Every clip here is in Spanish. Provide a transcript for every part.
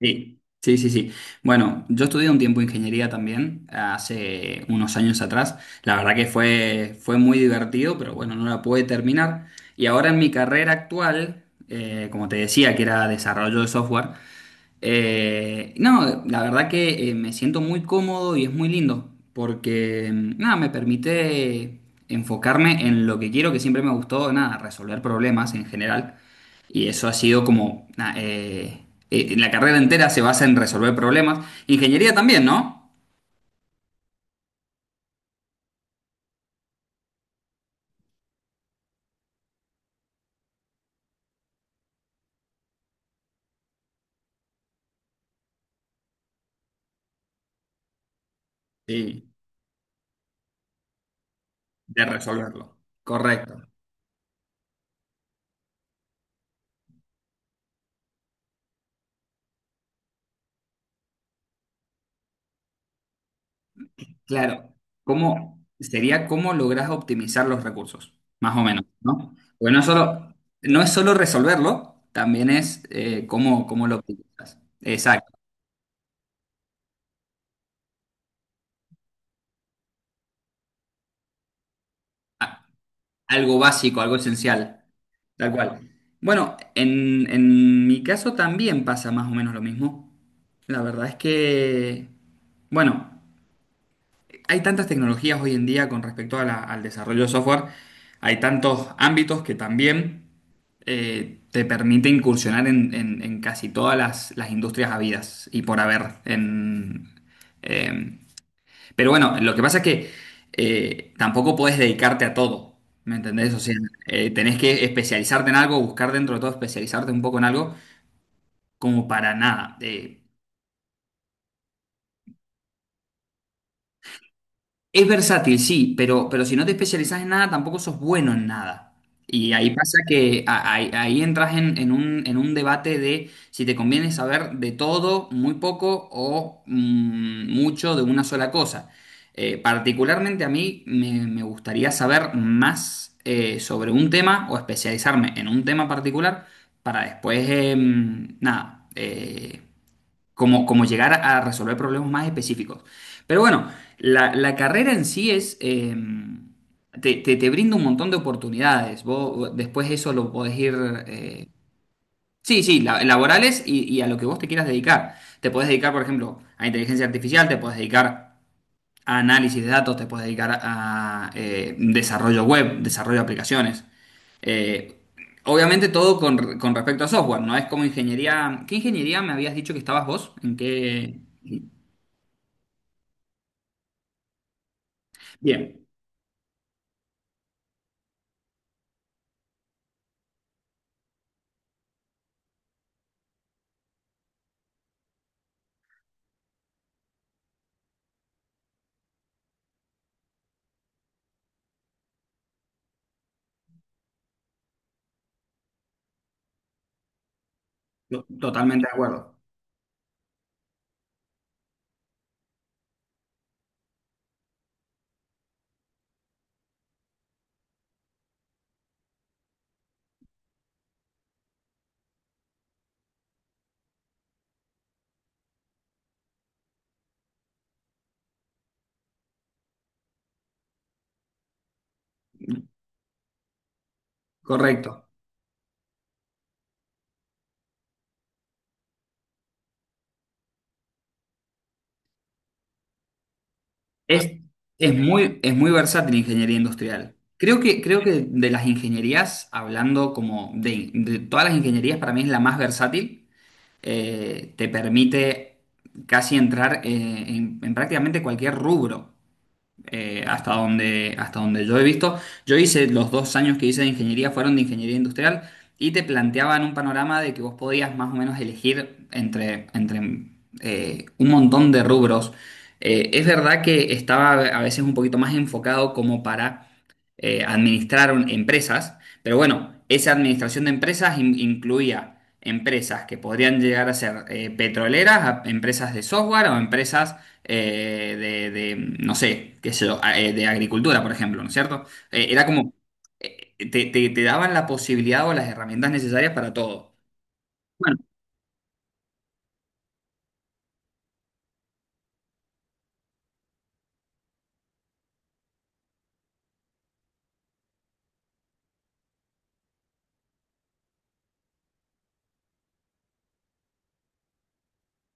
Sí, sí, sí, sí. Bueno, yo estudié un tiempo ingeniería también, hace unos años atrás. La verdad que fue muy divertido, pero bueno, no la pude terminar. Y ahora en mi carrera actual, como te decía, que era desarrollo de software, no, la verdad que me siento muy cómodo y es muy lindo, porque nada, me permite enfocarme en lo que quiero, que siempre me gustó, nada, resolver problemas en general. Y eso ha sido la carrera entera se basa en resolver problemas. Ingeniería también, ¿no? Sí, de resolverlo. Correcto. Claro. ¿Cómo sería cómo lográs optimizar los recursos? Más o menos, ¿no? Porque no es solo resolverlo, también es cómo, cómo lo optimizas. Exacto. A- Algo básico, algo esencial. Tal cual. Bueno, en mi caso también pasa más o menos lo mismo. La verdad es que, bueno, hay tantas tecnologías hoy en día con respecto a al desarrollo de software, hay tantos ámbitos que también te permite incursionar en casi todas las industrias habidas y por haber em, pero bueno, lo que pasa es que tampoco puedes dedicarte a todo, ¿me entendés? O sea, tenés que especializarte en algo, buscar dentro de todo especializarte un poco en algo, como para nada. Es versátil, sí, pero si no te especializas en nada, tampoco sos bueno en nada. Y ahí pasa que ahí entras en un debate de si te conviene saber de todo, muy poco o mucho de una sola cosa. Particularmente a mí me gustaría saber más sobre un tema o especializarme en un tema particular para después, nada, como, como llegar a resolver problemas más específicos. Pero bueno, la carrera en sí es, te, te brinda un montón de oportunidades. Vos después eso lo podés ir, eh, sí, sí, laborales y a lo que vos te quieras dedicar. Te podés dedicar, por ejemplo, a inteligencia artificial, te podés dedicar a análisis de datos, te podés dedicar a desarrollo web, desarrollo de aplicaciones. Eh, Obviamente todo con respecto a software, ¿no? Es como ingeniería. ¿Qué ingeniería me habías dicho que estabas vos? ¿En qué? Bien, totalmente de acuerdo. Correcto. Es, es muy versátil la ingeniería industrial. Creo que de las ingenierías, hablando como de todas las ingenierías, para mí es la más versátil. Te permite casi entrar en prácticamente cualquier rubro. Hasta donde, hasta donde yo he visto. Yo hice los dos años que hice de ingeniería fueron de ingeniería industrial y te planteaban un panorama de que vos podías más o menos elegir entre un montón de rubros. Es verdad que estaba a veces un poquito más enfocado como para administrar empresas, pero bueno, esa administración de empresas incluía empresas que podrían llegar a ser petroleras, empresas de software o empresas eh, de, no sé, qué sé yo, de agricultura, por ejemplo, ¿no es cierto? Eh, era como, te, te daban la posibilidad o las herramientas necesarias para todo. Bueno,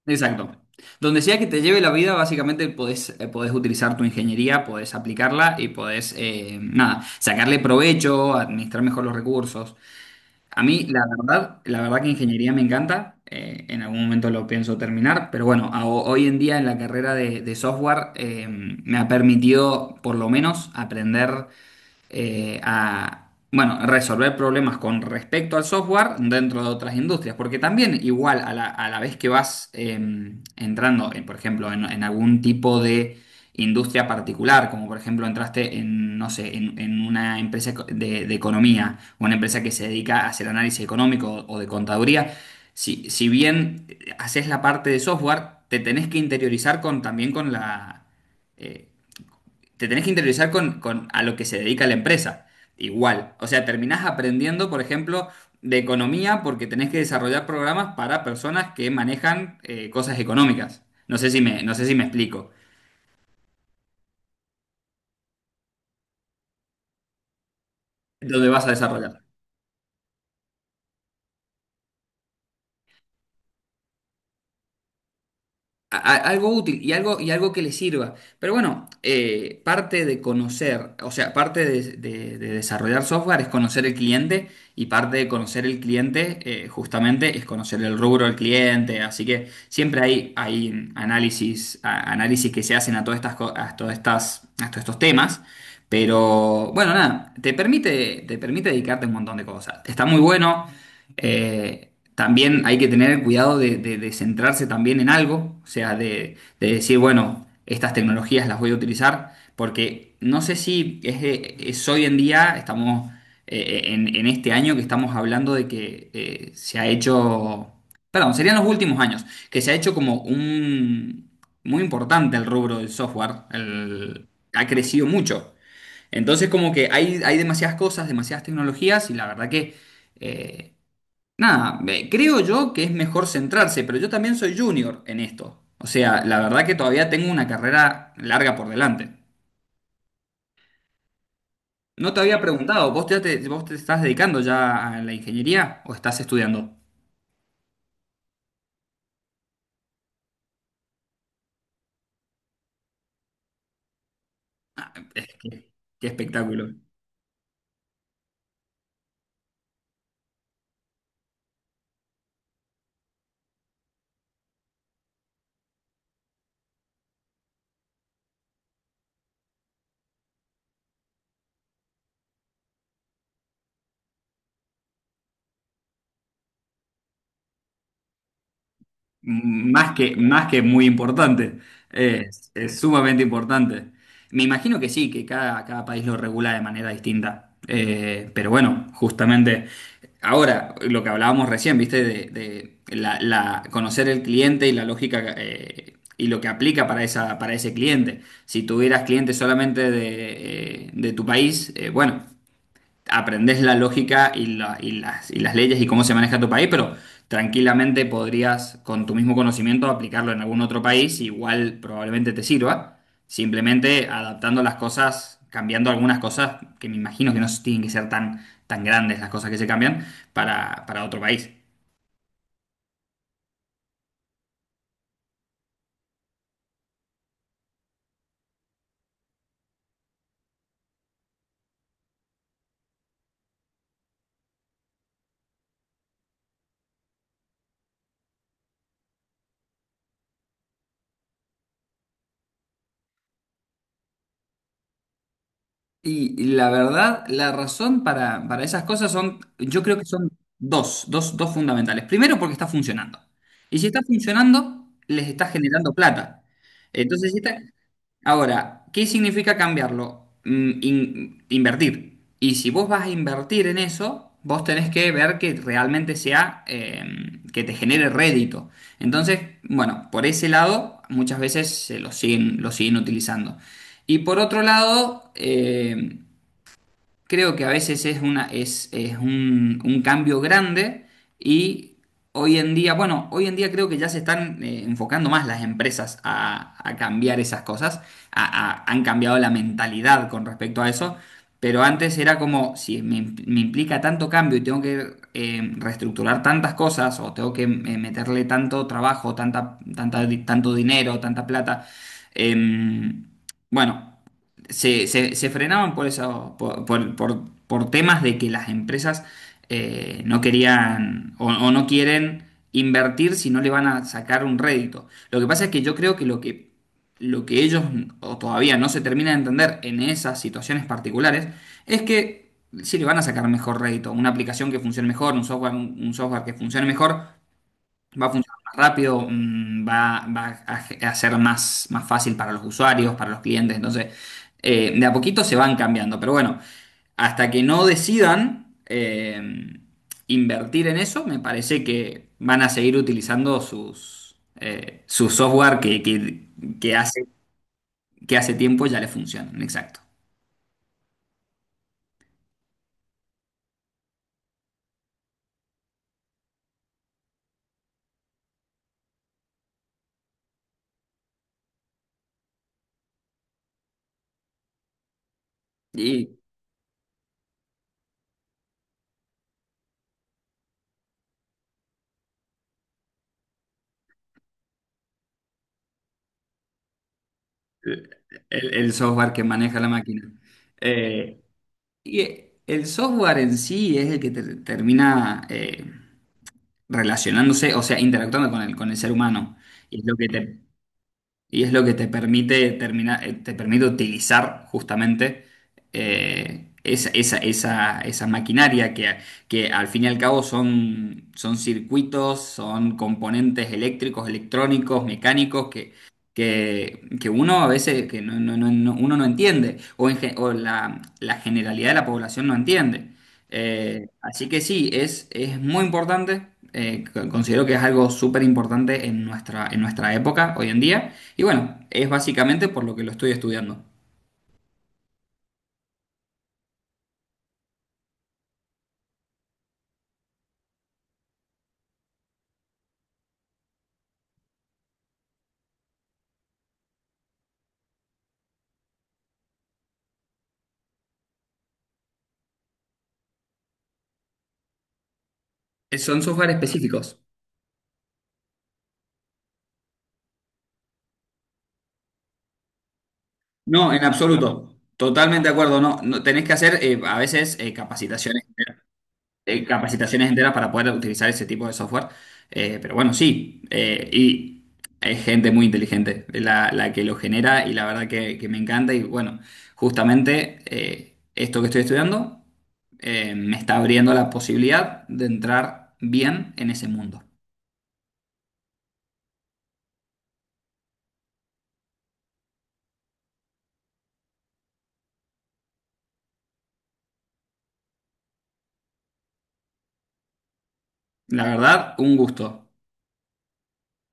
exacto. Donde sea que te lleve la vida, básicamente podés, podés utilizar tu ingeniería, podés aplicarla y podés, nada, sacarle provecho, administrar mejor los recursos. A mí, la verdad que ingeniería me encanta. En algún momento lo pienso terminar, pero bueno, hoy en día en la carrera de software me ha permitido por lo menos aprender a, bueno, resolver problemas con respecto al software dentro de otras industrias, porque también igual a la vez que vas entrando, en, por ejemplo, en algún tipo de industria particular, como por ejemplo entraste en, no sé, en una empresa de economía, una empresa que se dedica a hacer análisis económico o de contaduría, si bien haces la parte de software, te tenés que interiorizar con, también con eh, te tenés que interiorizar con a lo que se dedica la empresa. Igual. O sea, terminás aprendiendo, por ejemplo, de economía porque tenés que desarrollar programas para personas que manejan cosas económicas. No sé si me, no sé si me explico. ¿Dónde vas a desarrollar? Algo útil y algo que le sirva. Pero bueno, parte de conocer, o sea, parte de, de desarrollar software es conocer el cliente y parte de conocer el cliente justamente es conocer el rubro del cliente. Así que siempre hay, hay análisis, análisis que se hacen a todas estas, a todas estas, a todos estos temas. Pero bueno, nada, te permite dedicarte a un montón de cosas. Está muy bueno también hay que tener cuidado de, de centrarse también en algo, o sea, de decir, bueno, estas tecnologías las voy a utilizar, porque no sé si es, es hoy en día, estamos en este año que estamos hablando de que se ha hecho, perdón, serían los últimos años, que se ha hecho como un, muy importante el rubro del software, ha crecido mucho. Entonces como que hay demasiadas cosas, demasiadas tecnologías y la verdad que... eh, Nada, creo yo que es mejor centrarse, pero yo también soy junior en esto. O sea, la verdad que todavía tengo una carrera larga por delante. No te había preguntado, ¿vos ya te, vos te estás dedicando ya a la ingeniería o estás estudiando? Es que- Qué espectáculo. Más que muy importante, es sumamente importante. Me imagino que sí, que cada, cada país lo regula de manera distinta. Pero bueno, justamente ahora, lo que hablábamos recién, ¿viste? De conocer el cliente y la lógica y lo que aplica para esa, para ese cliente. Si tuvieras clientes solamente de tu país, bueno aprendes la lógica y, y las leyes y cómo se maneja tu país, pero tranquilamente podrías, con tu mismo conocimiento, aplicarlo en algún otro país, igual probablemente te sirva, simplemente adaptando las cosas, cambiando algunas cosas, que me imagino que no tienen que ser tan, tan grandes las cosas que se cambian, para otro país. Y la verdad, la razón para esas cosas son, yo creo que son dos fundamentales. Primero, porque está funcionando. Y si está funcionando, les está generando plata. Entonces, si está... Ahora, ¿qué significa cambiarlo? Mm, invertir. Y si vos vas a invertir en eso, vos tenés que ver que realmente sea, que te genere rédito. Entonces, bueno, por ese lado, muchas veces se lo siguen utilizando. Y por otro lado, creo que a veces es un cambio grande y hoy en día, bueno, hoy en día creo que ya se están enfocando más las empresas a cambiar esas cosas, han cambiado la mentalidad con respecto a eso, pero antes era como, si me implica tanto cambio y tengo que reestructurar tantas cosas o tengo que meterle tanto trabajo, tanto dinero, tanta plata, em, bueno se frenaban por eso, por, por temas de que las empresas no querían o no quieren invertir si no le van a sacar un rédito. Lo que pasa es que yo creo que lo que, lo que ellos o todavía no se terminan de entender en esas situaciones particulares es que si le van a sacar mejor rédito, una aplicación que funcione mejor, un software, un software que funcione mejor, va a funcionar más rápido, va a, a ser más, más fácil para los usuarios, para los clientes. Entonces, de a poquito se van cambiando. Pero bueno, hasta que no decidan invertir en eso, me parece que van a seguir utilizando sus, su software que, que hace, que hace tiempo ya les funciona. Exacto. Y el, el software que maneja la máquina. Eh, y el software en sí es el que termina... relacionándose, o sea, interactuando con el ser humano. Y es lo que te, y es lo que te permite terminar, te permite utilizar justamente esa, esa maquinaria que al fin y al cabo son, son circuitos, son componentes eléctricos, electrónicos, mecánicos que uno a veces que no, uno no entiende o, o la, la generalidad de la población no entiende. Así que sí, es muy importante. Considero que es algo súper importante en nuestra época hoy en día. Y bueno, es básicamente por lo que lo estoy estudiando. Son software específicos. No, en claro. Absoluto. Totalmente de acuerdo. No, no tenés que hacer a veces capacitaciones, capacitaciones enteras para poder utilizar ese tipo de software. Pero bueno, sí. Y es gente muy inteligente la, la que lo genera y la verdad que me encanta. Y bueno, justamente esto que estoy estudiando me está abriendo la posibilidad de entrar bien en ese mundo. La verdad, un gusto.